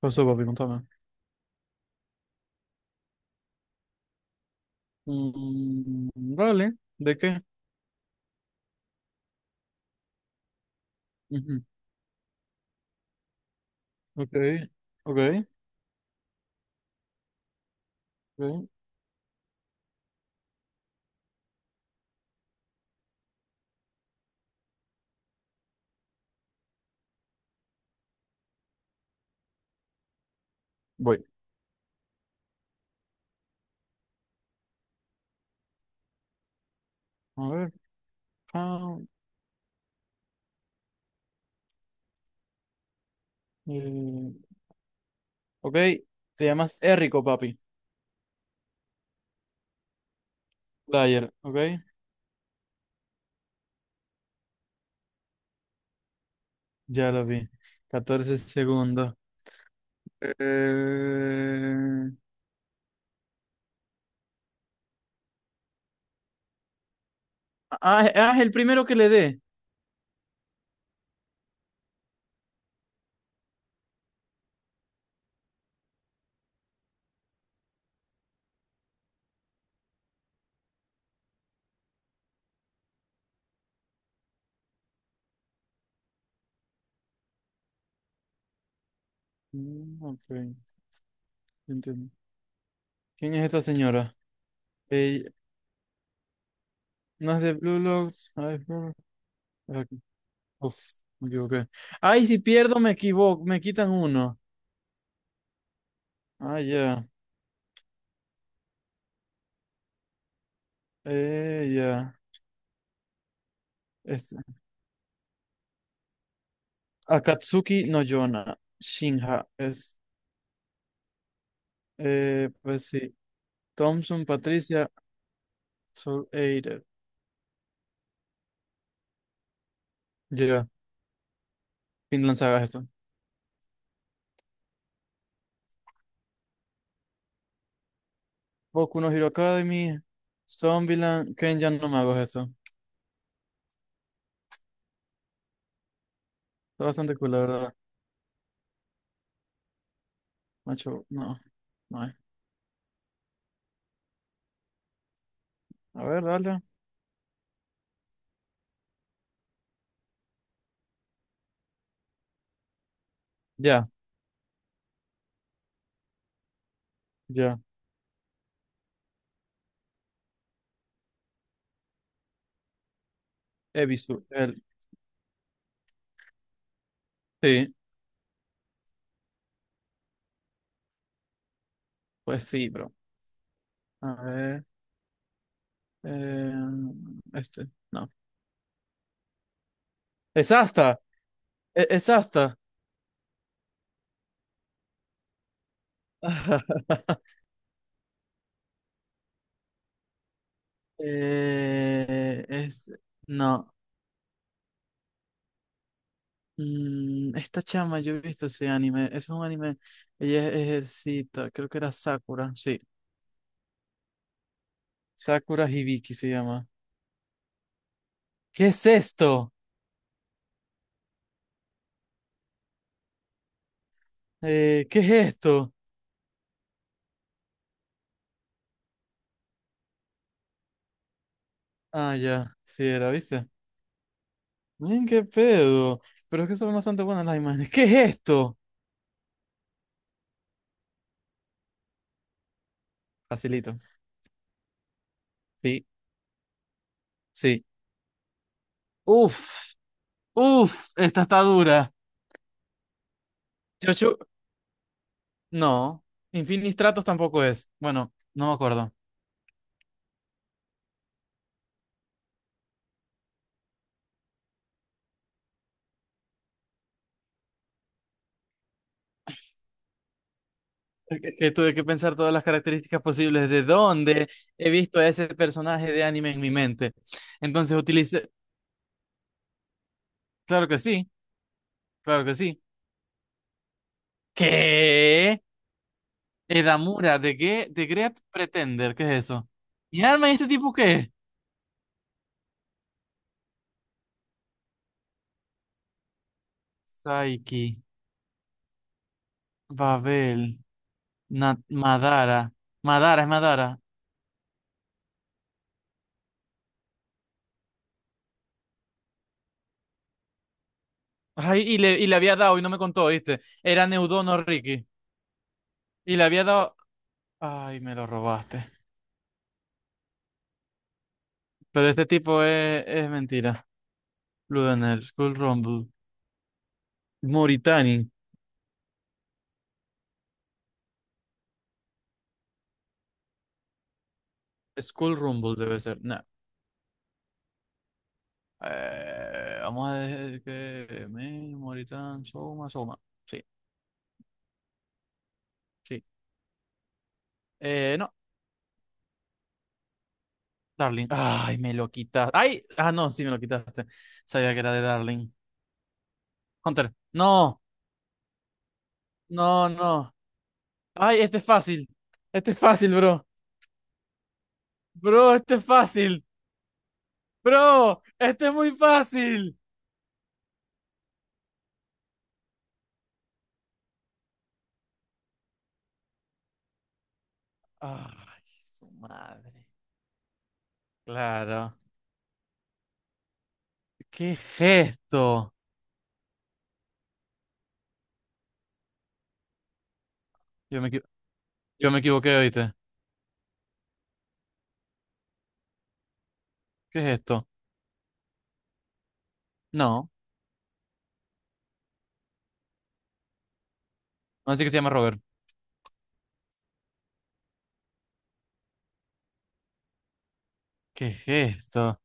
Por eso, papi, contame. Mm, vale, ¿de qué? Ujú. Ok, ok, ok. Voy. A ver. ah, eh, ok, te llamas Errico, papi. Player, ok. Ya lo vi. 14 segundos. Eh, es el primero que le dé. Ok, entiendo. ¿Quién es esta señora? Eh, no es de Blue Locks. Es Blue Lock, ah, aquí. Uf, me equivoqué. Ay, si pierdo me equivoco, me quitan uno. Ah, ya. Ya. Este. Akatsuki no Yona. Shinha es. Pues sí. Thompson, Patricia, Soul Eater. Ya. Vinland Saga es esto. Boku no Hero Academy. Zombieland. Kenjan no Mago es esto. Está bastante cool, la verdad. Macho, no. No hay. A ver, dale. Ya, ya. Ebisu. El. Sí. Pues sí, bro. A ver. Eh, este. No. Es hasta. Es hasta. Es, no, esta chama, yo he visto ese anime, es un anime, ella es ejercita, creo que era Sakura, sí, Sakura Hibiki se llama. ¿Qué es esto? ¿Qué es esto? Ah, ya, sí era, ¿viste? Miren qué pedo, pero es que son bastante buenas las imágenes. ¿Qué es esto? Facilito, sí, sí. Uf, uf, esta está dura. Yo, no, Infinistratos tampoco es, bueno, no me acuerdo. Que tuve que pensar todas las características posibles de dónde he visto a ese personaje de anime en mi mente. Entonces utilicé, claro que sí, claro que sí. ¿Qué? Edamura, ¿de qué? ¿De Great Pretender? ¿Qué es eso? ¿Mi alma y este tipo qué? Saiki, Babel, Madara. Madara, es Madara. Ay, y le había dado y no me contó, ¿viste? Era Neudono Ricky. Y le había dado. Ay, me lo robaste. Pero este tipo es mentira. Luganar, Skull Rumble. Mauritani. Skull Rumble debe ser. Nah. Vamos a decir que. Mauritán, Soma, Soma. Sí, sí. No, Darling. Ay, me lo quitaste. Ay, ah, no, sí me lo quitaste. Sabía que era de Darling. Hunter. No, no, no. Ay, este es fácil. Este es fácil, bro. Bro, este es fácil. Bro, este es muy fácil. Ay, su madre. Claro. ¿Qué es esto? Yo me equivo- Yo me equivoqué, ¿oíste? ¿Qué es esto? No, así que se llama Robert. ¿Qué es esto?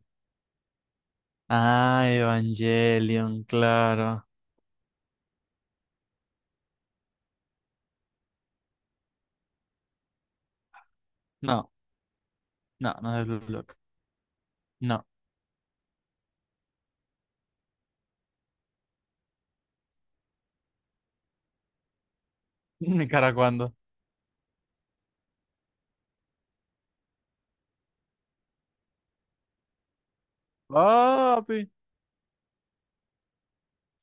Ah, Evangelion, claro. No, no, no es de Blue Lock. No, mi cara cuando. Papi,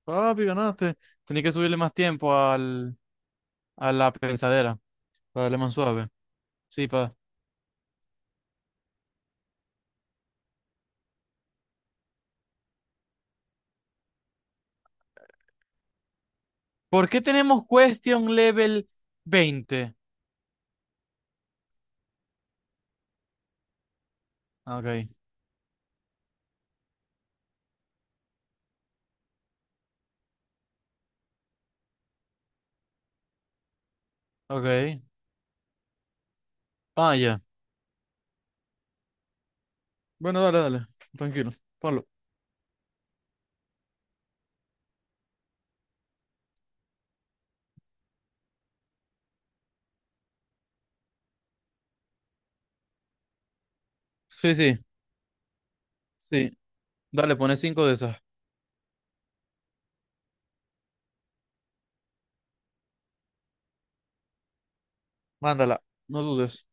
papi, ganaste. Tenía que subirle más tiempo al, a la pensadera para darle más suave. Sí, pa. ¿Por qué tenemos question level 20? Ok, ok. Ah, ya. Bueno, dale, dale. Tranquilo, ponlo. Sí, sí, sí. Dale, pone cinco de esas. Mándala, no dudes.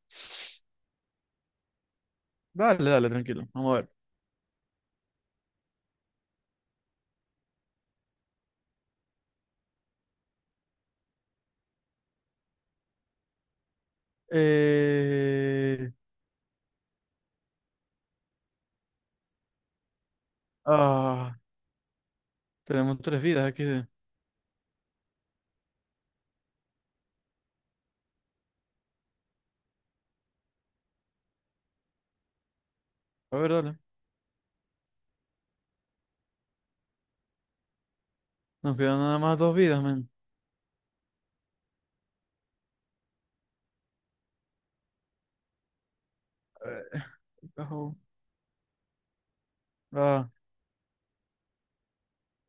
Dale, dale, tranquilo. Vamos a ver. Eh... Ah, tenemos tres vidas aquí. A ver, dale. Nos quedan nada más dos vidas, men. A cajón. Ah,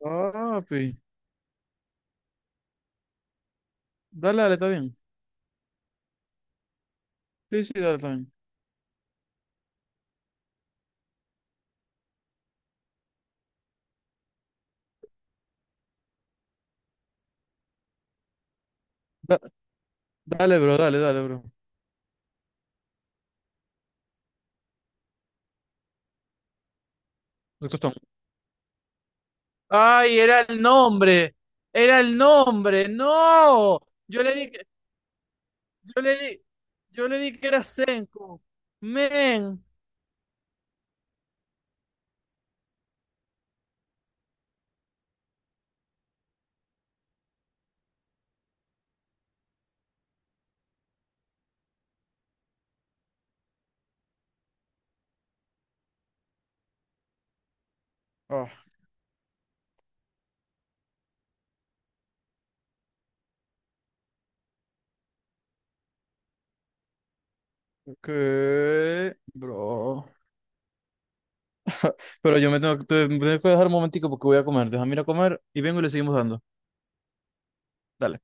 papi. Dale, dale, está bien. Sí, sí, dale, está bien. Da- dale, bro, dale, dale, bro. De Costón. Ay, era el nombre. Era el nombre. No. Yo le di que, yo le di, yo le di que era Senko. Men. Ah, ¿qué? Bro. Pero yo me tengo, te- me tengo que dejar un momentico porque voy a comer. Déjame ir a comer y vengo y le seguimos dando. Dale.